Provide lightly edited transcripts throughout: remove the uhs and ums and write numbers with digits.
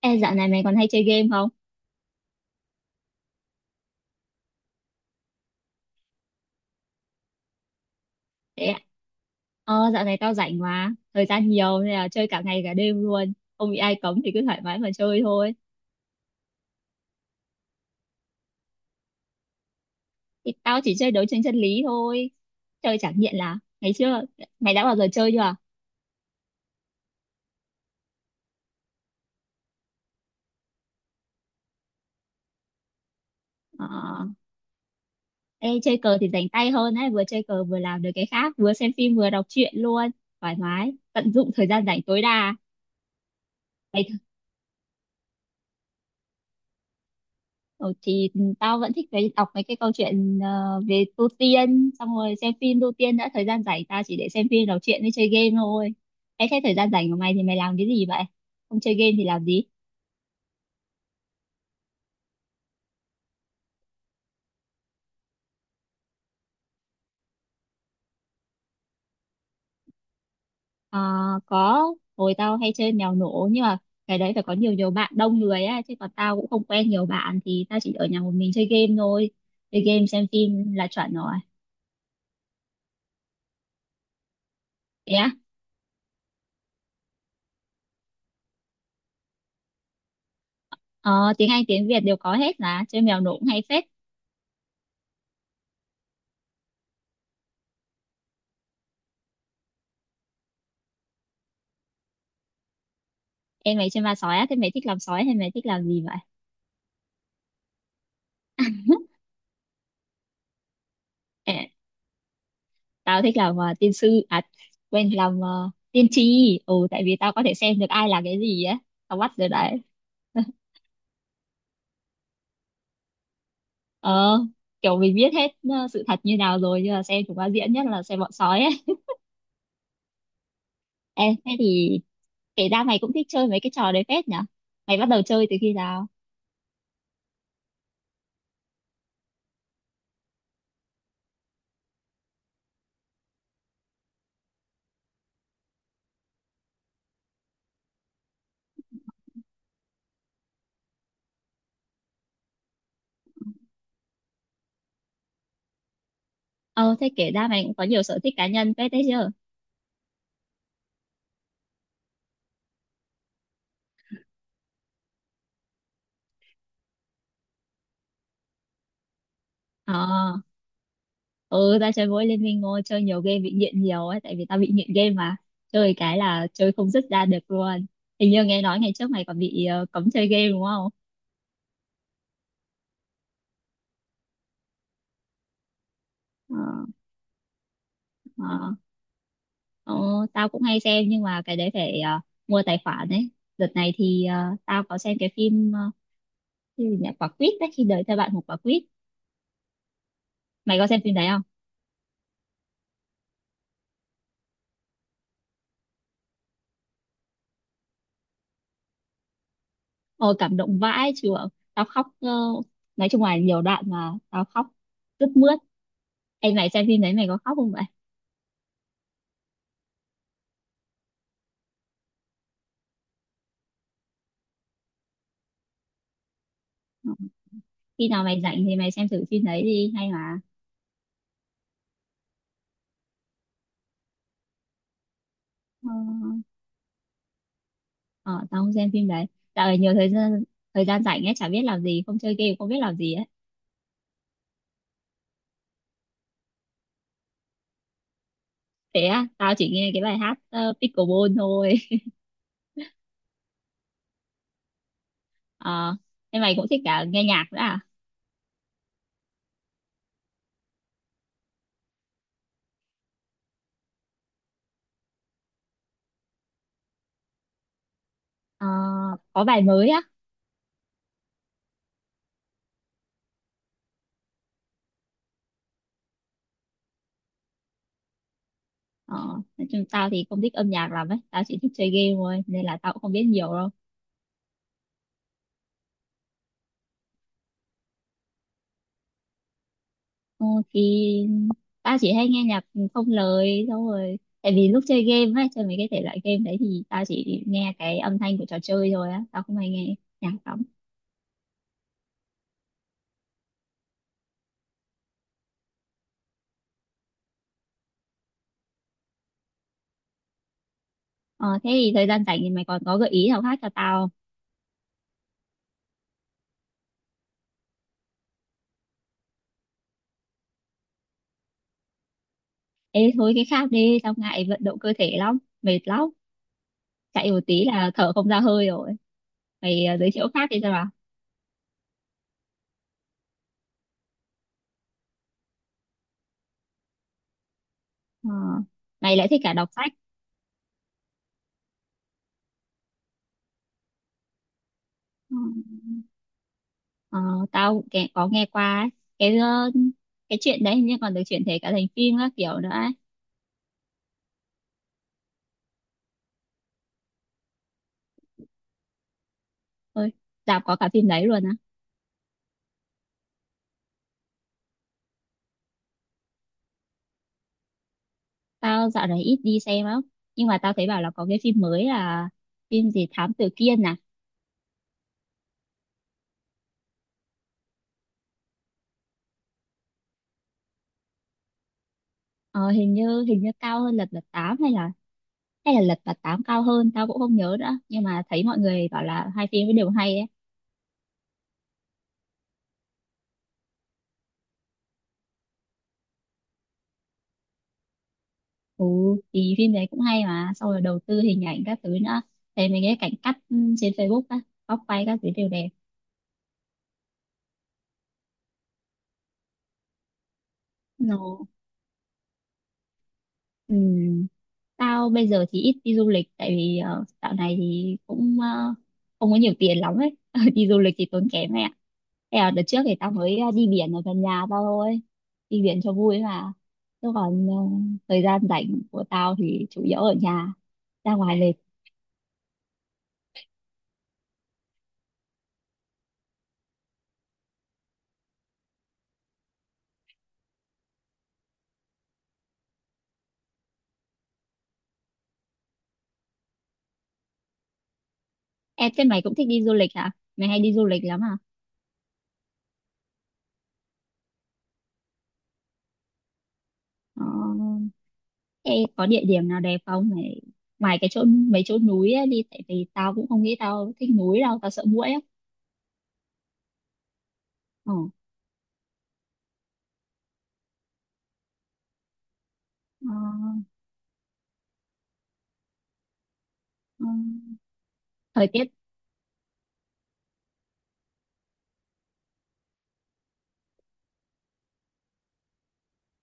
Ê, dạo này mày còn hay chơi game không? Thế ạ. Dạo này tao rảnh mà, thời gian nhiều nên là chơi cả ngày cả đêm luôn. Không bị ai cấm thì cứ thoải mái mà chơi thôi. Thì tao chỉ chơi đấu tranh chân lý thôi. Chơi chẳng nghiện là ngày xưa mày đã bao giờ chơi chưa? Ờ, ê, chơi cờ thì rảnh tay hơn ấy, vừa chơi cờ vừa làm được cái khác, vừa xem phim vừa đọc truyện luôn. Thoải mái, tận dụng thời gian rảnh tối đa. Mày ừ, thì tao vẫn thích cái đọc mấy cái câu chuyện về tu tiên xong rồi xem phim tu tiên đã thời gian rảnh tao chỉ để xem phim đọc truyện với chơi game thôi. Ê, thế thời gian rảnh của mày thì mày làm cái gì vậy, không chơi game thì làm gì? Ờ, có hồi tao hay chơi mèo nổ nhưng mà cái đấy phải có nhiều nhiều bạn đông người á chứ còn tao cũng không quen nhiều bạn thì tao chỉ ở nhà một mình chơi game thôi, chơi game xem phim là chuẩn rồi. Thế á. Ờ, tiếng Anh tiếng Việt đều có hết là chơi mèo nổ cũng hay phết. Em mày chơi ma sói á, thế mày thích làm sói hay mày thích làm gì vậy? À, tao thích làm tiên sư à, quên, làm tiên tri, ừ tại vì tao có thể xem được ai là cái gì á, tao bắt được đấy. Ờ, kiểu mình biết hết sự thật như nào rồi nhưng mà xem chúng nó diễn, nhất là xem bọn sói ấy. Ê, thế thì kể ra mày cũng thích chơi mấy cái trò đấy phết nhở, mày bắt đầu chơi từ khi nào? Ờ, thế kể ra mày cũng có nhiều sở thích cá nhân phết đấy chứ. Ờ, ừ tao chơi mỗi Liên Minh ngôi chơi nhiều game bị nghiện nhiều ấy tại vì tao bị nghiện game mà, chơi cái là chơi không dứt ra được luôn. Hình như nghe nói ngày trước mày còn bị cấm chơi game đúng không? Ờ, ờ, ờ, tao cũng hay xem nhưng mà cái đấy phải mua tài khoản đấy. Đợt này thì tao có xem cái phim cái gì nhỉ quả quýt đấy khi đời theo bạn một quả quýt, mày có xem phim đấy không? Ôi cảm động vãi chưởng, tao khóc nói chung là nhiều đoạn mà tao khóc rất mướt. Em mày xem phim đấy mày có khóc không vậy? Khi nào mày rảnh thì mày xem thử phim đấy đi, hay mà. Ờ, ờ, tao không xem phim đấy. Dạo này nhiều thời gian, thời gian rảnh ấy chả biết làm gì, không chơi game không biết làm gì ấy. Thế á, tao chỉ nghe cái bài hát Pickleball thôi. Ờ, thế mày cũng thích cả nghe nhạc nữa à? Ờ, có bài mới á. ờ, nói chung tao thì không thích âm nhạc lắm ấy, tao chỉ thích chơi game thôi nên là tao cũng không biết nhiều đâu. Ờ, thì ba chỉ hay nghe nhạc không lời xong rồi tại vì lúc chơi game ấy chơi mấy cái thể loại game đấy thì tao chỉ nghe cái âm thanh của trò chơi thôi á, tao không hay nghe nhạc lắm. Ờ, thế thì thời gian rảnh thì mày còn có gợi ý nào khác cho tao không? Ê thôi cái khác đi, tao ngại vận động cơ thể lắm, mệt lắm, chạy một tí là thở không ra hơi rồi. Mày giới thiệu khác đi cho nào. Ờ, mày lại thích cả đọc sách. Ờ, ờ, tao cũng có nghe qua ấy. Cái cái chuyện đấy hình như còn được chuyển thể cả thành phim các kiểu nữa ấy. Ôi, dạo có cả phim đấy luôn á. Tao dạo này ít đi xem lắm. Nhưng mà tao thấy bảo là có cái phim mới là phim gì Thám Tử Kiên à? Ờ, hình như cao hơn Lật Mặt 8 hay là Lật Mặt 8 cao hơn, tao cũng không nhớ nữa. Nhưng mà thấy mọi người bảo là hai phim ấy đều hay ấy. Ừ, thì phim đấy cũng hay mà, xong rồi đầu tư hình ảnh các thứ nữa. Thấy mấy cái cảnh cắt ừ, trên Facebook á, góc quay các thứ đều đẹp. No. Ừ. Tao bây giờ thì ít đi du lịch tại vì dạo này thì cũng không có nhiều tiền lắm ấy. Đi du lịch thì tốn kém mẹ. Thế là đợt trước thì tao mới đi biển ở gần nhà tao thôi. Đi biển cho vui mà. Chứ còn thời gian rảnh của tao thì chủ yếu ở nhà, ra ngoài lịch. Em thế mày cũng thích đi du lịch hả? Mày hay đi du lịch lắm à? Ờ, thế có địa điểm nào đẹp không? Mày, ngoài cái chỗ mấy chỗ núi ấy đi tại vì tao cũng không nghĩ tao thích núi đâu, tao sợ muỗi á. Ờ. Ờ. Ừ. Thời tiết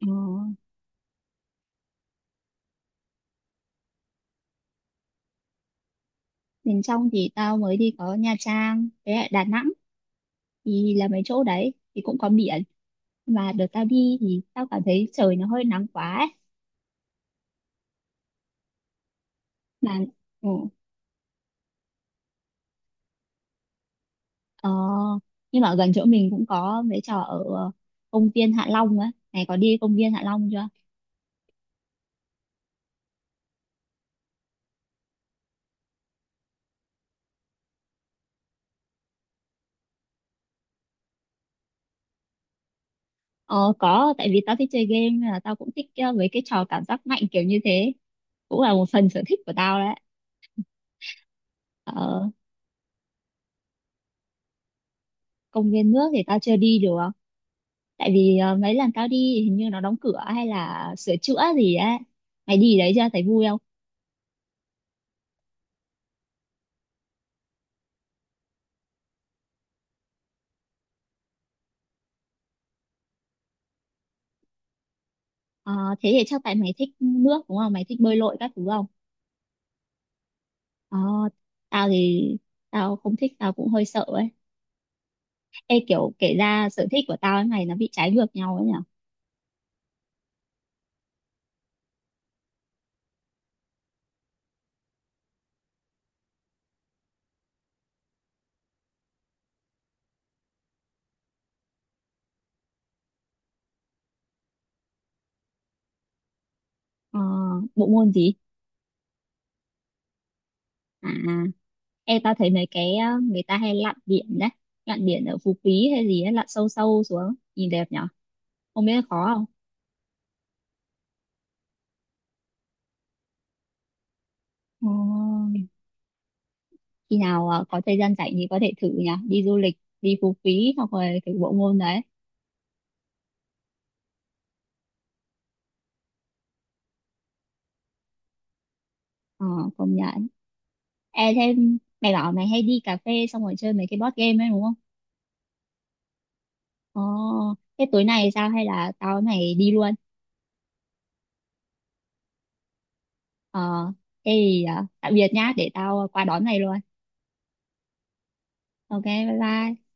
ờ, miền trong thì tao mới đi có Nha Trang với lại Đà Nẵng, thì là mấy chỗ đấy thì cũng có biển mà đợt tao đi thì tao cảm thấy trời nó hơi nắng quá ấy. Mà ừ, ờ, nhưng mà ở gần chỗ mình cũng có mấy trò ở công viên Hạ Long á này, có đi công viên Hạ Long chưa? Ờ, có tại vì tao thích chơi game nên là tao cũng thích mấy cái trò cảm giác mạnh kiểu như thế, cũng là một phần sở thích của tao đấy. Ờ, công viên nước thì tao chưa đi được tại vì mấy lần tao đi thì hình như nó đóng cửa hay là sửa chữa gì á, mày đi đấy chưa thấy vui không? Ờ, thế thì chắc tại mày thích nước đúng không, mày thích bơi lội các thứ không? Ờ, tao thì tao không thích, tao cũng hơi sợ ấy. Ê kiểu kể ra sở thích của tao với mày nó bị trái ngược nhau ấy nhở. Ờ, bộ môn gì? À ê tao thấy mấy cái người ta hay lặn biển đấy, lặn biển ở Phú Quý hay gì ấy, lặn sâu sâu xuống nhìn đẹp nhở, không biết là khó không? Ờ, khi nào có thời gian rảnh thì có thể thử nhỉ, đi du lịch đi Phú Quý hoặc là cái bộ môn đấy. Ờ, công nhận. E thêm mày bảo mày hay đi cà phê xong rồi chơi mấy cái board game ấy đúng không? Ờ, thế tối nay sao hay là tao với mày đi luôn? Ờ thế thì tạm biệt nhá, để tao qua đón mày luôn. OK bye bye.